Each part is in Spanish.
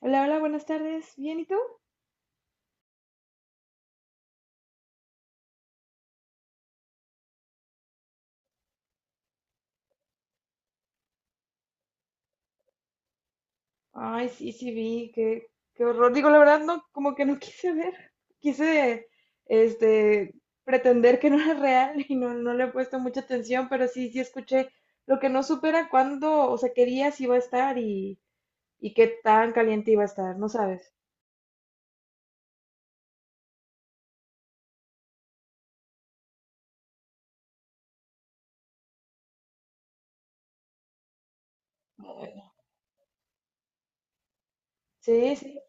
Hola, hola, buenas tardes. ¿Bien y tú? Ay, sí, sí vi, qué horror. Digo, la verdad, no, como que no quise ver. Quise, este, pretender que no era real y no, no le he puesto mucha atención, pero sí, sí escuché lo que no supera cuándo, o sea, qué días iba a estar y qué tan caliente iba a estar, no sabes. Sí, sí.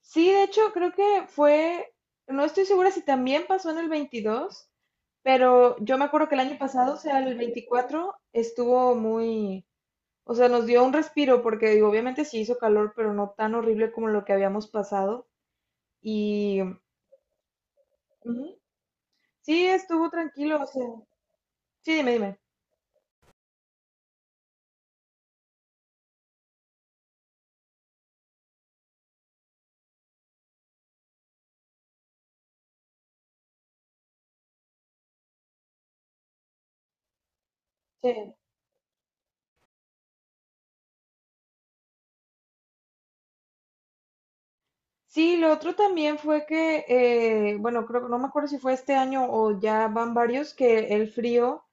Sí, de hecho, creo que fue, no estoy segura si también pasó en el 22, pero yo me acuerdo que el año pasado, o sea, el 24, estuvo muy. O sea, nos dio un respiro porque digo, obviamente sí hizo calor, pero no tan horrible como lo que habíamos pasado. Y ujú, sí, estuvo tranquilo. O sea, sí, dime, dime. Sí, lo otro también fue que, bueno, creo que no me acuerdo si fue este año o ya van varios, que el frío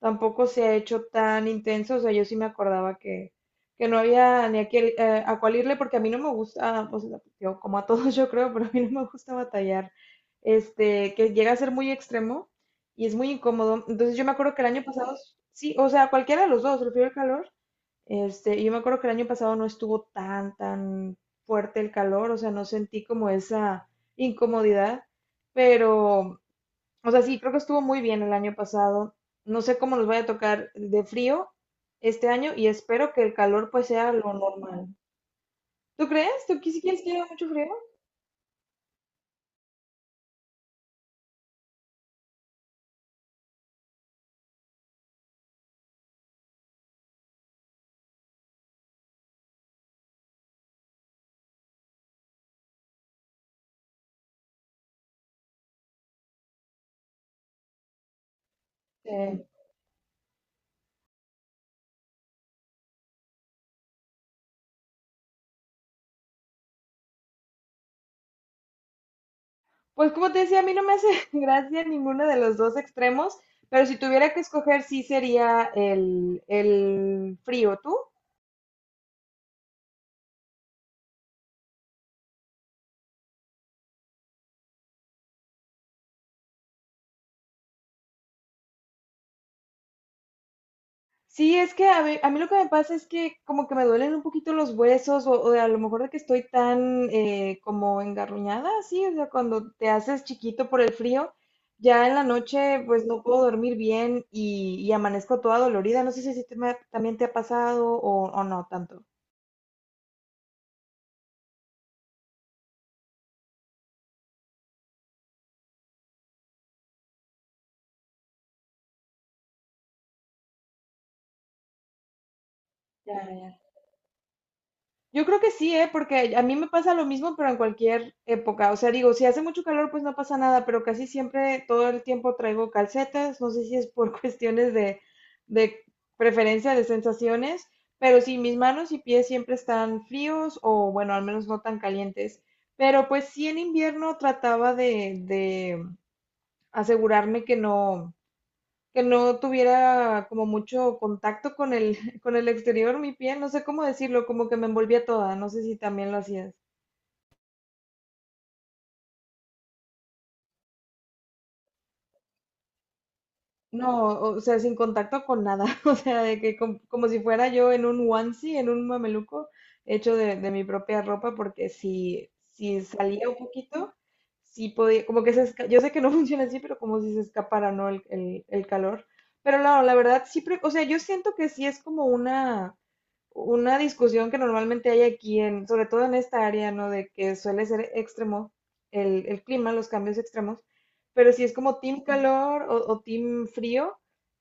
tampoco se ha hecho tan intenso. O sea, yo sí me acordaba que no había ni a cuál irle, porque a mí no me gusta, pues, yo como a todos yo creo, pero a mí no me gusta batallar. Que llega a ser muy extremo y es muy incómodo. Entonces yo me acuerdo que el año pasado, sí, o sea, cualquiera de los dos, el frío y el calor, yo me acuerdo que el año pasado no estuvo tan fuerte el calor, o sea, no sentí como esa incomodidad, pero, o sea, sí, creo que estuvo muy bien el año pasado. No sé cómo nos vaya a tocar de frío este año y espero que el calor pues sea lo normal. ¿Tú crees? ¿Tú si quieres que haga mucho frío? Eh, pues como te decía, a mí no me hace gracia ninguno de los dos extremos, pero si tuviera que escoger, sí sería el frío. ¿Tú? Sí, es que a mí, lo que me pasa es que como que me duelen un poquito los huesos o a lo mejor de que estoy tan como engarruñada, sí, o sea, cuando te haces chiquito por el frío, ya en la noche pues no puedo dormir bien y amanezco toda dolorida. No sé si a ti te me también te ha pasado o no tanto. Ya, yo creo que sí, ¿eh? Porque a mí me pasa lo mismo, pero en cualquier época. O sea, digo, si hace mucho calor, pues no pasa nada, pero casi siempre todo el tiempo traigo calcetas. No sé si es por cuestiones de preferencia de sensaciones, pero sí, mis manos y pies siempre están fríos o, bueno, al menos no tan calientes. Pero pues sí, en invierno trataba de asegurarme que no tuviera como mucho contacto con el, con el exterior, mi piel, no sé cómo decirlo, como que me envolvía toda, no sé si también lo hacías. No, o sea, sin contacto con nada, o sea, de que como si fuera yo en un onesie, en un mameluco, hecho de mi propia ropa, porque si salía un poquito, sí podía, como que yo sé que no funciona así, pero como si se escapara, ¿no? El calor. Pero no, la verdad, sí, o sea, yo siento que sí es como una discusión que normalmente hay aquí, sobre todo en esta área, ¿no? De que suele ser extremo el clima, los cambios extremos. Pero si es como team calor o team frío,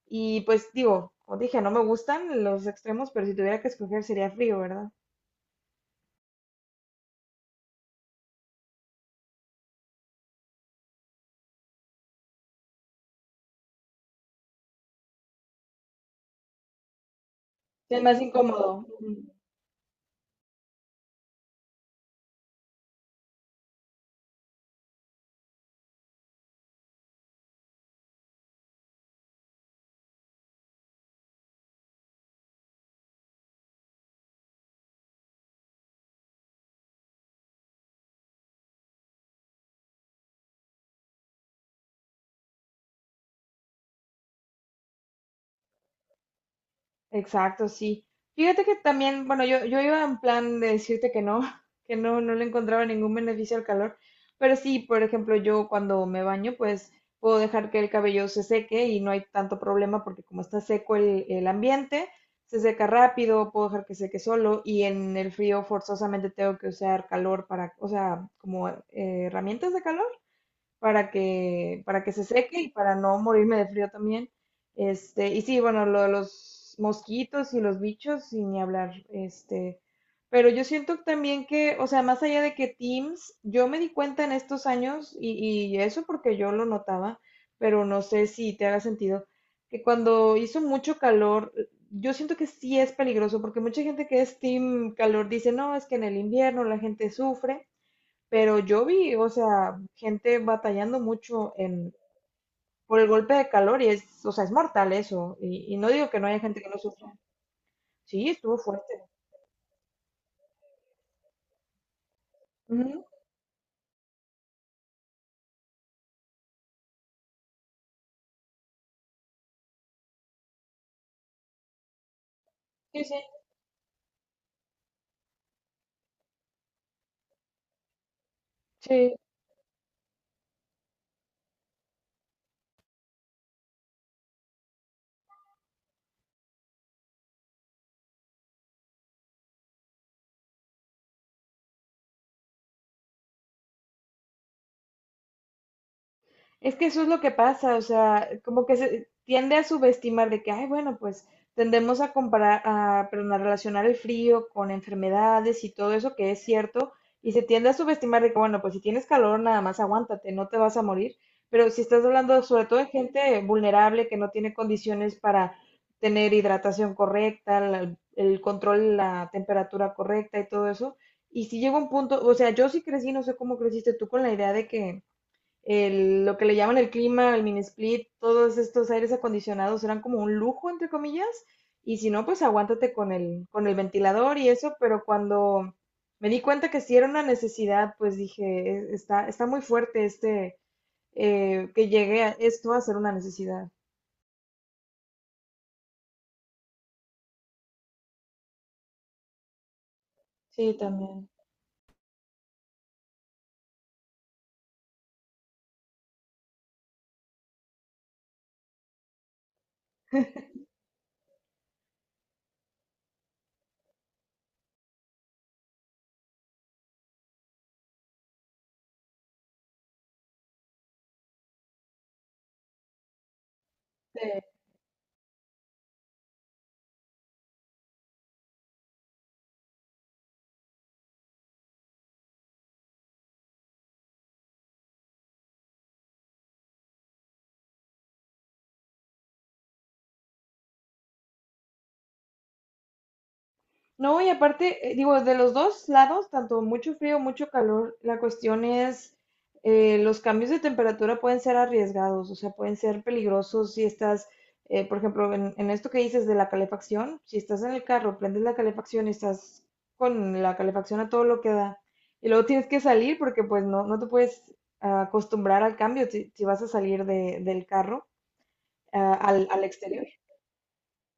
y pues digo, como dije, no me gustan los extremos, pero si tuviera que escoger sería frío, ¿verdad? Sí, es más incómodo. Exacto, sí. Fíjate que también, bueno, yo iba en plan de decirte que no, que no, no le encontraba ningún beneficio al calor, pero sí, por ejemplo, yo cuando me baño, pues puedo dejar que el cabello se seque y no hay tanto problema porque como está seco el ambiente, se seca rápido, puedo dejar que seque solo y en el frío forzosamente tengo que usar calor para, o sea, como herramientas de calor para que se seque y para no morirme de frío también. Y sí, bueno, lo de los mosquitos y los bichos, sin ni hablar, pero yo siento también que, o sea, más allá de que Teams, yo me di cuenta en estos años, y eso porque yo lo notaba, pero no sé si te haga sentido, que cuando hizo mucho calor, yo siento que sí es peligroso, porque mucha gente que es Team calor dice, no, es que en el invierno la gente sufre, pero yo vi, o sea, gente batallando mucho por el golpe de calor y es, o sea, es mortal eso. Y no digo que no haya gente que lo sufra. Sí, estuvo fuerte. Ujú, sí, sí. Sí. Es que eso es lo que pasa, o sea, como que se tiende a subestimar de que, ay, bueno, pues tendemos a comparar, a, perdón, a relacionar el frío con enfermedades y todo eso que es cierto, y se tiende a subestimar de que, bueno, pues si tienes calor, nada más aguántate, no te vas a morir. Pero si estás hablando sobre todo de gente vulnerable que no tiene condiciones para tener hidratación correcta, el control, la temperatura correcta y todo eso, y si llega un punto, o sea, yo sí crecí, no sé cómo creciste tú con la idea de que lo que le llaman el clima, el mini split, todos estos aires acondicionados eran como un lujo, entre comillas, y si no, pues aguántate con el ventilador y eso, pero cuando me di cuenta que sí era una necesidad, pues dije, "Está muy fuerte este, que llegue a esto a ser una necesidad". Sí, también. No, y aparte, digo, de los dos lados, tanto mucho frío, mucho calor, la cuestión es, los cambios de temperatura pueden ser arriesgados, o sea, pueden ser peligrosos si estás, por ejemplo, en esto que dices de la calefacción, si estás en el carro, prendes la calefacción y estás con la calefacción a todo lo que da, y luego tienes que salir porque pues no, no te puedes acostumbrar al cambio si vas a salir del carro al exterior.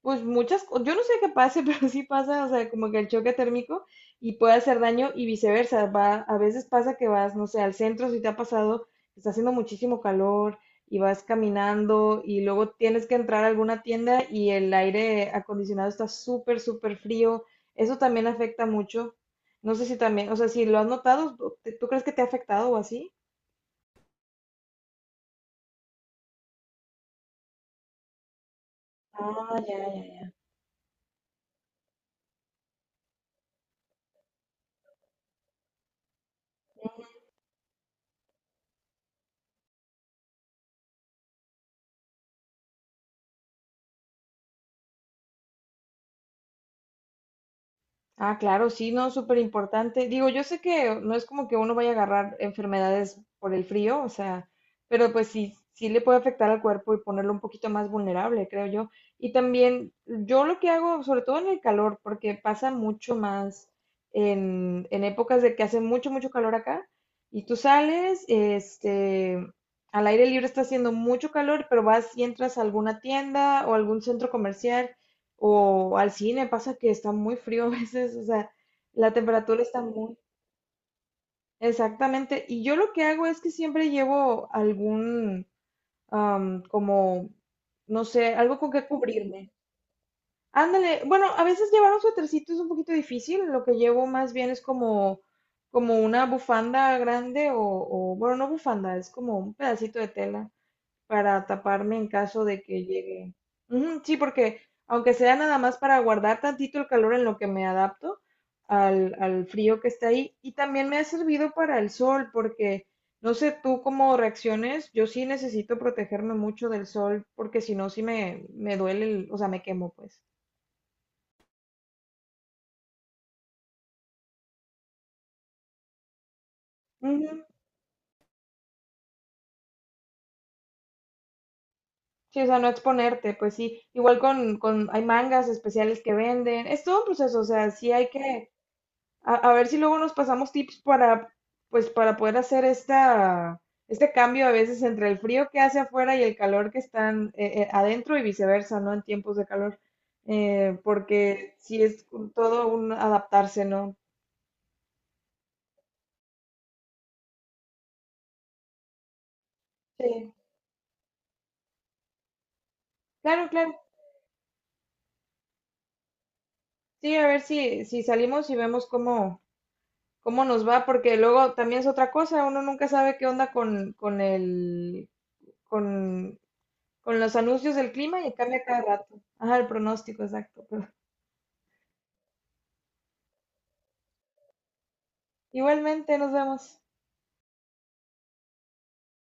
Pues muchas, yo no sé qué pase, pero sí pasa, o sea, como que el choque térmico y puede hacer daño y viceversa. Va, a veces pasa que vas, no sé, al centro, si te ha pasado, está haciendo muchísimo calor y vas caminando y luego tienes que entrar a alguna tienda y el aire acondicionado está súper, súper frío. Eso también afecta mucho. No sé si también, o sea, si lo has notado, ¿tú crees que te ha afectado o así? Ah, ya, ya. Ah, claro, sí, no, súper importante. Digo, yo sé que no es como que uno vaya a agarrar enfermedades por el frío, o sea, pero pues sí, sí le puede afectar al cuerpo y ponerlo un poquito más vulnerable, creo yo. Y también yo lo que hago, sobre todo en el calor, porque pasa mucho más en épocas de que hace mucho, mucho calor acá, y tú sales, al aire libre está haciendo mucho calor, pero vas y entras a alguna tienda o algún centro comercial. O al cine, pasa que está muy frío a veces, o sea, la temperatura está muy... Exactamente. Y yo lo que hago es que siempre llevo algún, como, no sé, algo con que cubrirme. Ándale, bueno, a veces llevar un suétercito es un poquito difícil, lo que llevo más bien es como una bufanda grande o, bueno, no bufanda, es como un pedacito de tela para taparme en caso de que llegue. Ujú, sí, porque aunque sea nada más para guardar tantito el calor en lo que me adapto al frío que está ahí, y también me ha servido para el sol, porque no sé tú cómo reacciones, yo sí necesito protegerme mucho del sol, porque si no, sí me duele, o sea, me quemo, pues. Ujú, sí, o sea, no exponerte, pues sí. Igual hay mangas especiales que venden. Es todo un proceso, o sea, sí hay que. A ver si luego nos pasamos tips pues, para poder hacer este cambio a veces entre el frío que hace afuera y el calor que están adentro y viceversa, ¿no? En tiempos de calor. Porque sí es todo un adaptarse, ¿no? Sí. Claro, claro. Sí, a ver si salimos y vemos cómo nos va, porque luego también es otra cosa, uno nunca sabe qué onda con, con los anuncios del clima y cambia cada rato. Ajá, el pronóstico, exacto. Igualmente, nos vemos.